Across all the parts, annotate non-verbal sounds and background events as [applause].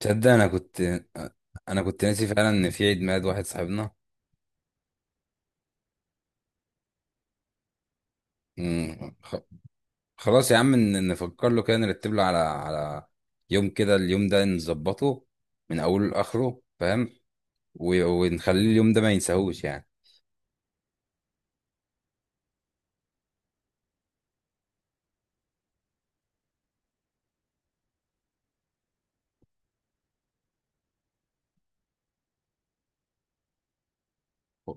تصدق، انا كنت ناسي فعلا ان في عيد ميلاد واحد صاحبنا. مم. خ- خلاص يا عم، نفكر له كده، نرتب له على يوم كده. اليوم ده نظبطه من اوله لاخره، فاهم؟ ونخليه اليوم ده ما ينساهوش يعني. و-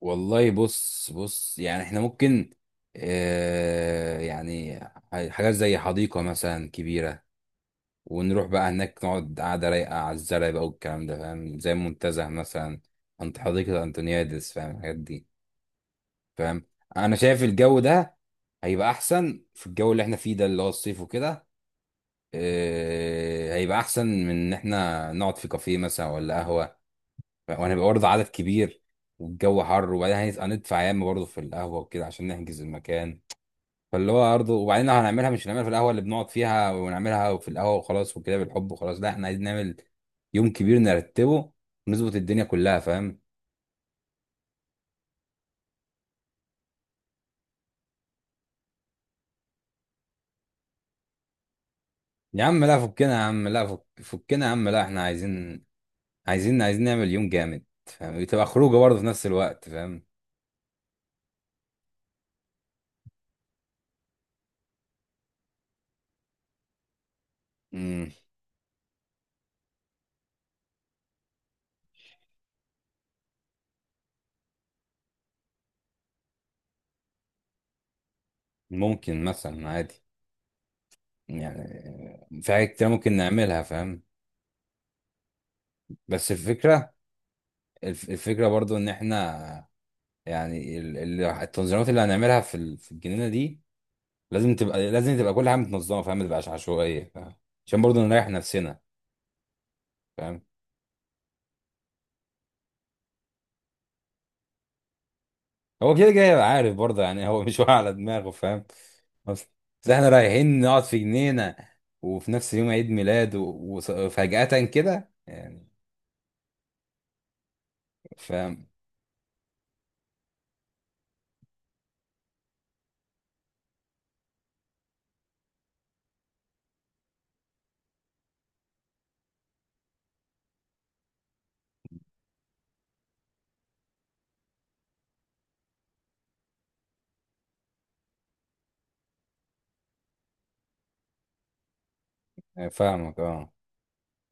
والله بص بص، يعني احنا ممكن، يعني حاجات زي حديقة مثلا كبيرة. ونروح بقى هناك نقعد قعدة رايقة على الزرع بقى والكلام ده، فاهم؟ زي منتزه مثلا، عند حديقة أنتونيادس، فاهم الحاجات دي؟ فاهم، أنا شايف الجو ده هيبقى أحسن. في الجو اللي احنا فيه ده اللي هو الصيف وكده، إيه هيبقى أحسن من إن احنا نقعد في كافيه مثلا ولا قهوة. وهنبقى برضه عدد كبير والجو حر، وبعدين هندفع ياما برضه في القهوة وكده عشان نحجز المكان. فاللي هو برضه، وبعدين لو هنعملها مش هنعملها في القهوه اللي بنقعد فيها ونعملها في القهوه وخلاص وكده بالحب وخلاص. لا، احنا عايزين نعمل يوم كبير نرتبه ونظبط الدنيا كلها، فاهم؟ يا عم لا، فكنا يا عم، لا فكنا يا عم، لا احنا عايزين نعمل يوم جامد، فاهم؟ تبقى خروجه برضه في نفس الوقت، فاهم؟ مم. ممكن مثلا عادي، يعني في حاجات كتير ممكن نعملها، فاهم. بس الفكره، الفكره برضه ان احنا يعني التنظيمات اللي هنعملها في في الجنينه دي لازم تبقى كل حاجه متنظمه، فاهم؟ ما تبقاش عشوائيه، فاهم؟ عشان برضه نريح نفسنا، فاهم. هو كده كده هيبقى عارف برضه، يعني هو مش واقع على دماغه، فاهم؟ اصل بس احنا رايحين نقعد في جنينه وفي نفس يوم عيد ميلاد وفجأة كده يعني، فاهم. فاهمك اه.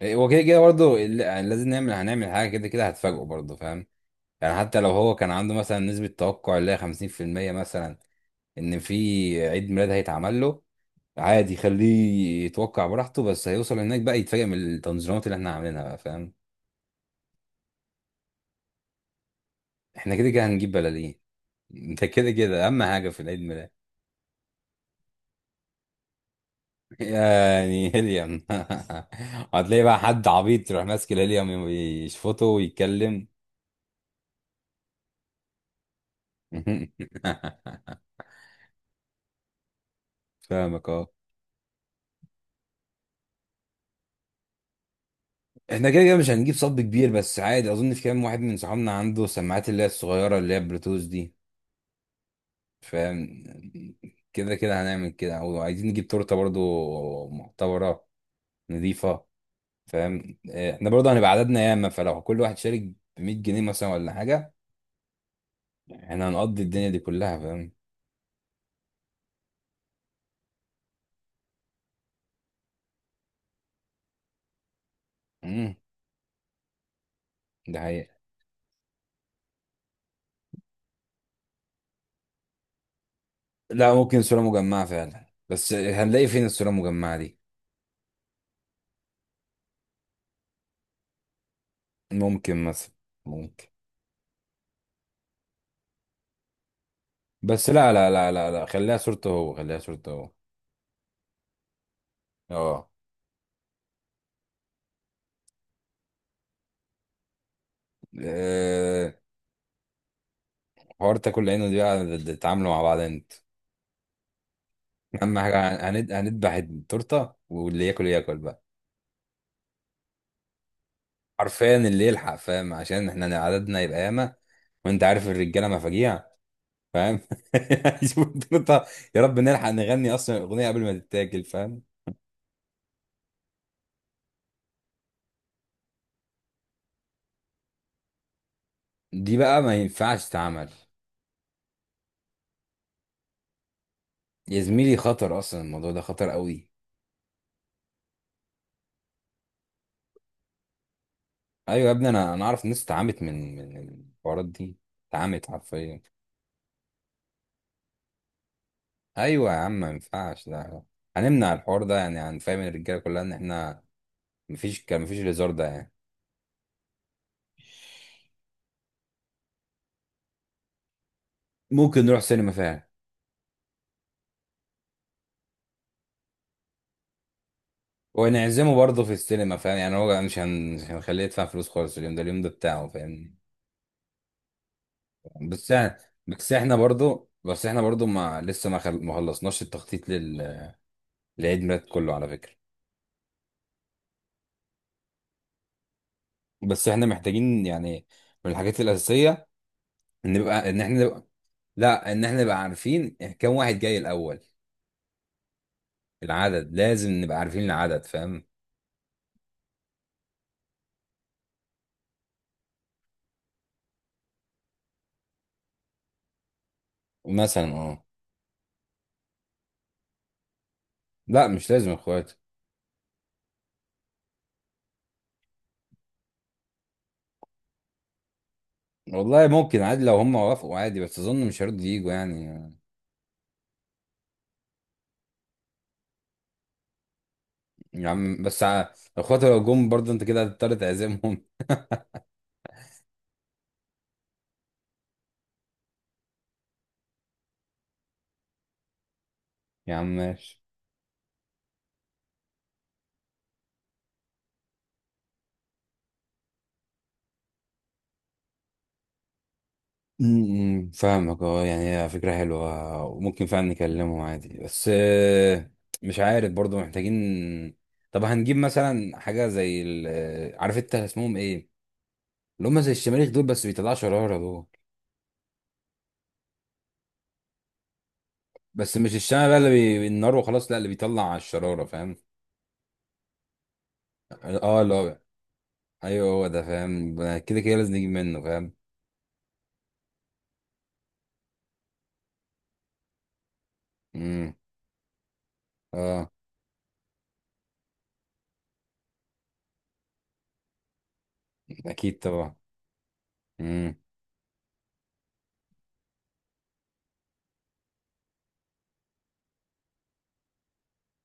إيه، هو كده كده برضه يعني لازم نعمل، هنعمل حاجه كده كده هتفاجئه برضه، فاهم. يعني حتى لو هو كان عنده مثلا نسبه توقع اللي هي 50% مثلا ان في عيد ميلاد هيتعمل له، عادي خليه يتوقع براحته. بس هيوصل هناك بقى يتفاجئ من التنظيمات اللي احنا عاملينها بقى، فاهم. احنا كده كده هنجيب بلالين. ده كده كده اهم حاجه في العيد ميلاد. يعني هيليوم. [laughs] هتلاقي بقى حد عبيط يروح ماسك الهيليوم يشفطه ويتكلم. [laughs] فاهمك اه. احنا كده كده مش هنجيب صب كبير، بس عادي اظن في كام واحد من صحابنا عنده سماعات اللي هي الصغيره اللي هي بلوتوث دي، فاهم. كده كده هنعمل كده، وعايزين نجيب تورته برضو معتبره نظيفه، فاهم. احنا برضه هنبقى عددنا ياما، فلو كل واحد شارك ب 100 جنيه مثلا ولا حاجه، احنا هنقضي الدنيا دي كلها، فاهم. امم. ده حقيقة. لا، ممكن صوره مجمعه فعلا، بس هنلاقي فين الصوره المجمعه دي؟ ممكن مثلا، ممكن. بس لا لا لا لا لا، خليها صورته هو، خليها صورته هو. اه. آه، حوار تاكل عينه دي بقى تتعاملوا مع بعض انت. [laughs] اهم حاجه هندبح التورته، واللي ياكل ياكل بقى. حرفيا اللي يلحق، فاهم، عشان احنا عددنا يبقى ياما. وانت عارف الرجاله مفاجيع، فاهم. [laughs] شوف الدنيا- يا رب نلحق نغني اصلا الاغنيه قبل ما تتاكل، فاهم. دي بقى ما ينفعش تتعمل. يا زميلي خطر، اصلا الموضوع ده خطر قوي. ايوه يا ابني، انا انا اعرف ناس اتعمت من الحوارات دي، اتعمت حرفيا. ايوه يا عم، ما ينفعش لا. هنمنع الحوار ده، يعني هنفهم الرجاله كلها ان احنا مفيش، كان مفيش الهزار ده يعني. ممكن نروح سينما فعلا. ونعزمه برضه في السينما، فاهم. يعني هو مش هنخليه يدفع فلوس خالص، اليوم ده اليوم ده بتاعه، فاهم. بس احنا بس احنا برضه ما لسه ما خل... ما خلصناش التخطيط لل... لعيد ميلاد كله على فكرة. بس احنا محتاجين يعني من الحاجات الأساسية ان نبقى ان احنا نبقى... لا، ان احنا نبقى عارفين كم واحد جاي الأول. العدد لازم نبقى عارفين العدد، فاهم. مثلا اه. لا، مش لازم اخواتي. والله ممكن عادي لو هم وافقوا، عادي، بس اظن مش هيرضوا ييجوا يعني. يا عم بس اخواتي لو جم برضه انت كده هتضطر تعزمهم. [laughs] يا عم ماشي. م- م، فاهمك اه، يعني هي فكرة حلوة وممكن فعلا نكلمهم عادي، بس مش عارف برضه، محتاجين. طب هنجيب مثلا حاجة زي ال... آه، عارف انت اسمهم ايه، اللي هم زي الشماريخ دول بس بيطلعوا شرارة دول. بس مش الشمع بقى اللي النار وخلاص، لا، اللي بيطلع على الشرارة، فاهم. اه، لا. ايوه، هو ده، فاهم، كده كده لازم نجيب منه، فاهم. امم. اه. اكيد طبعا. مم.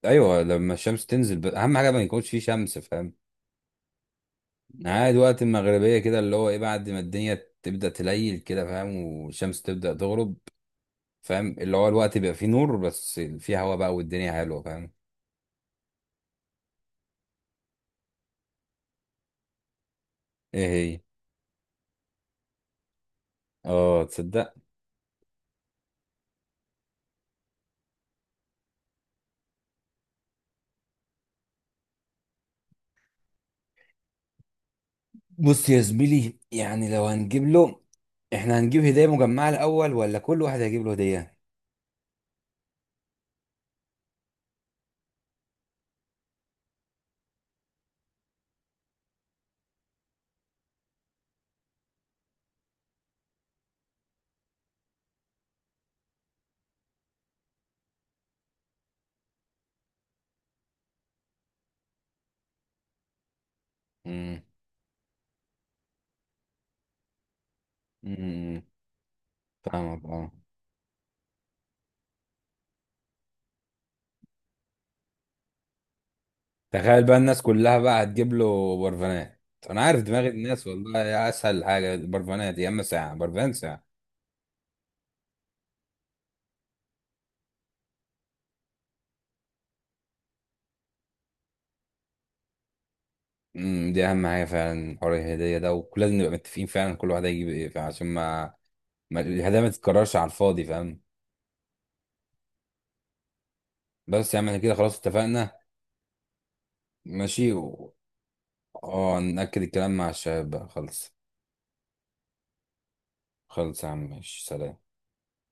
ايوه، لما الشمس تنزل، اهم حاجه ما يكونش فيه شمس، فاهم. عاد وقت المغربيه كده اللي هو ايه بعد ما الدنيا تبدا تليل كده، فاهم، والشمس تبدا تغرب، فاهم، اللي هو الوقت بيبقى فيه نور بس فيه هوا بقى والدنيا حلوه، فاهم. ايه هي؟ اه تصدق. بص يا زميلي، يعني لو هنجيب له، احنا هنجيب هديه مجمعه الاول ولا كل واحد هيجيب له هديه؟ امم. امم. فاهمك اه. تخيل بقى الناس كلها بقى هتجيب له برفانات. انا عارف دماغ الناس والله، يا اسهل حاجه برفانات، يا اما ساعه، برفان ساعه. امم، دي اهم حاجه فعلا، حوار الهديه ده ولازم نبقى متفقين فعلا كل واحد هيجيب ايه فعلا عشان ما, الهدايا ما تتكررش على الفاضي، فاهم. بس يا عم احنا كده خلاص اتفقنا. ماشي، و... اه، نأكد الكلام مع الشباب بقى، خلص. خلص يا عم، ماشي، سلام.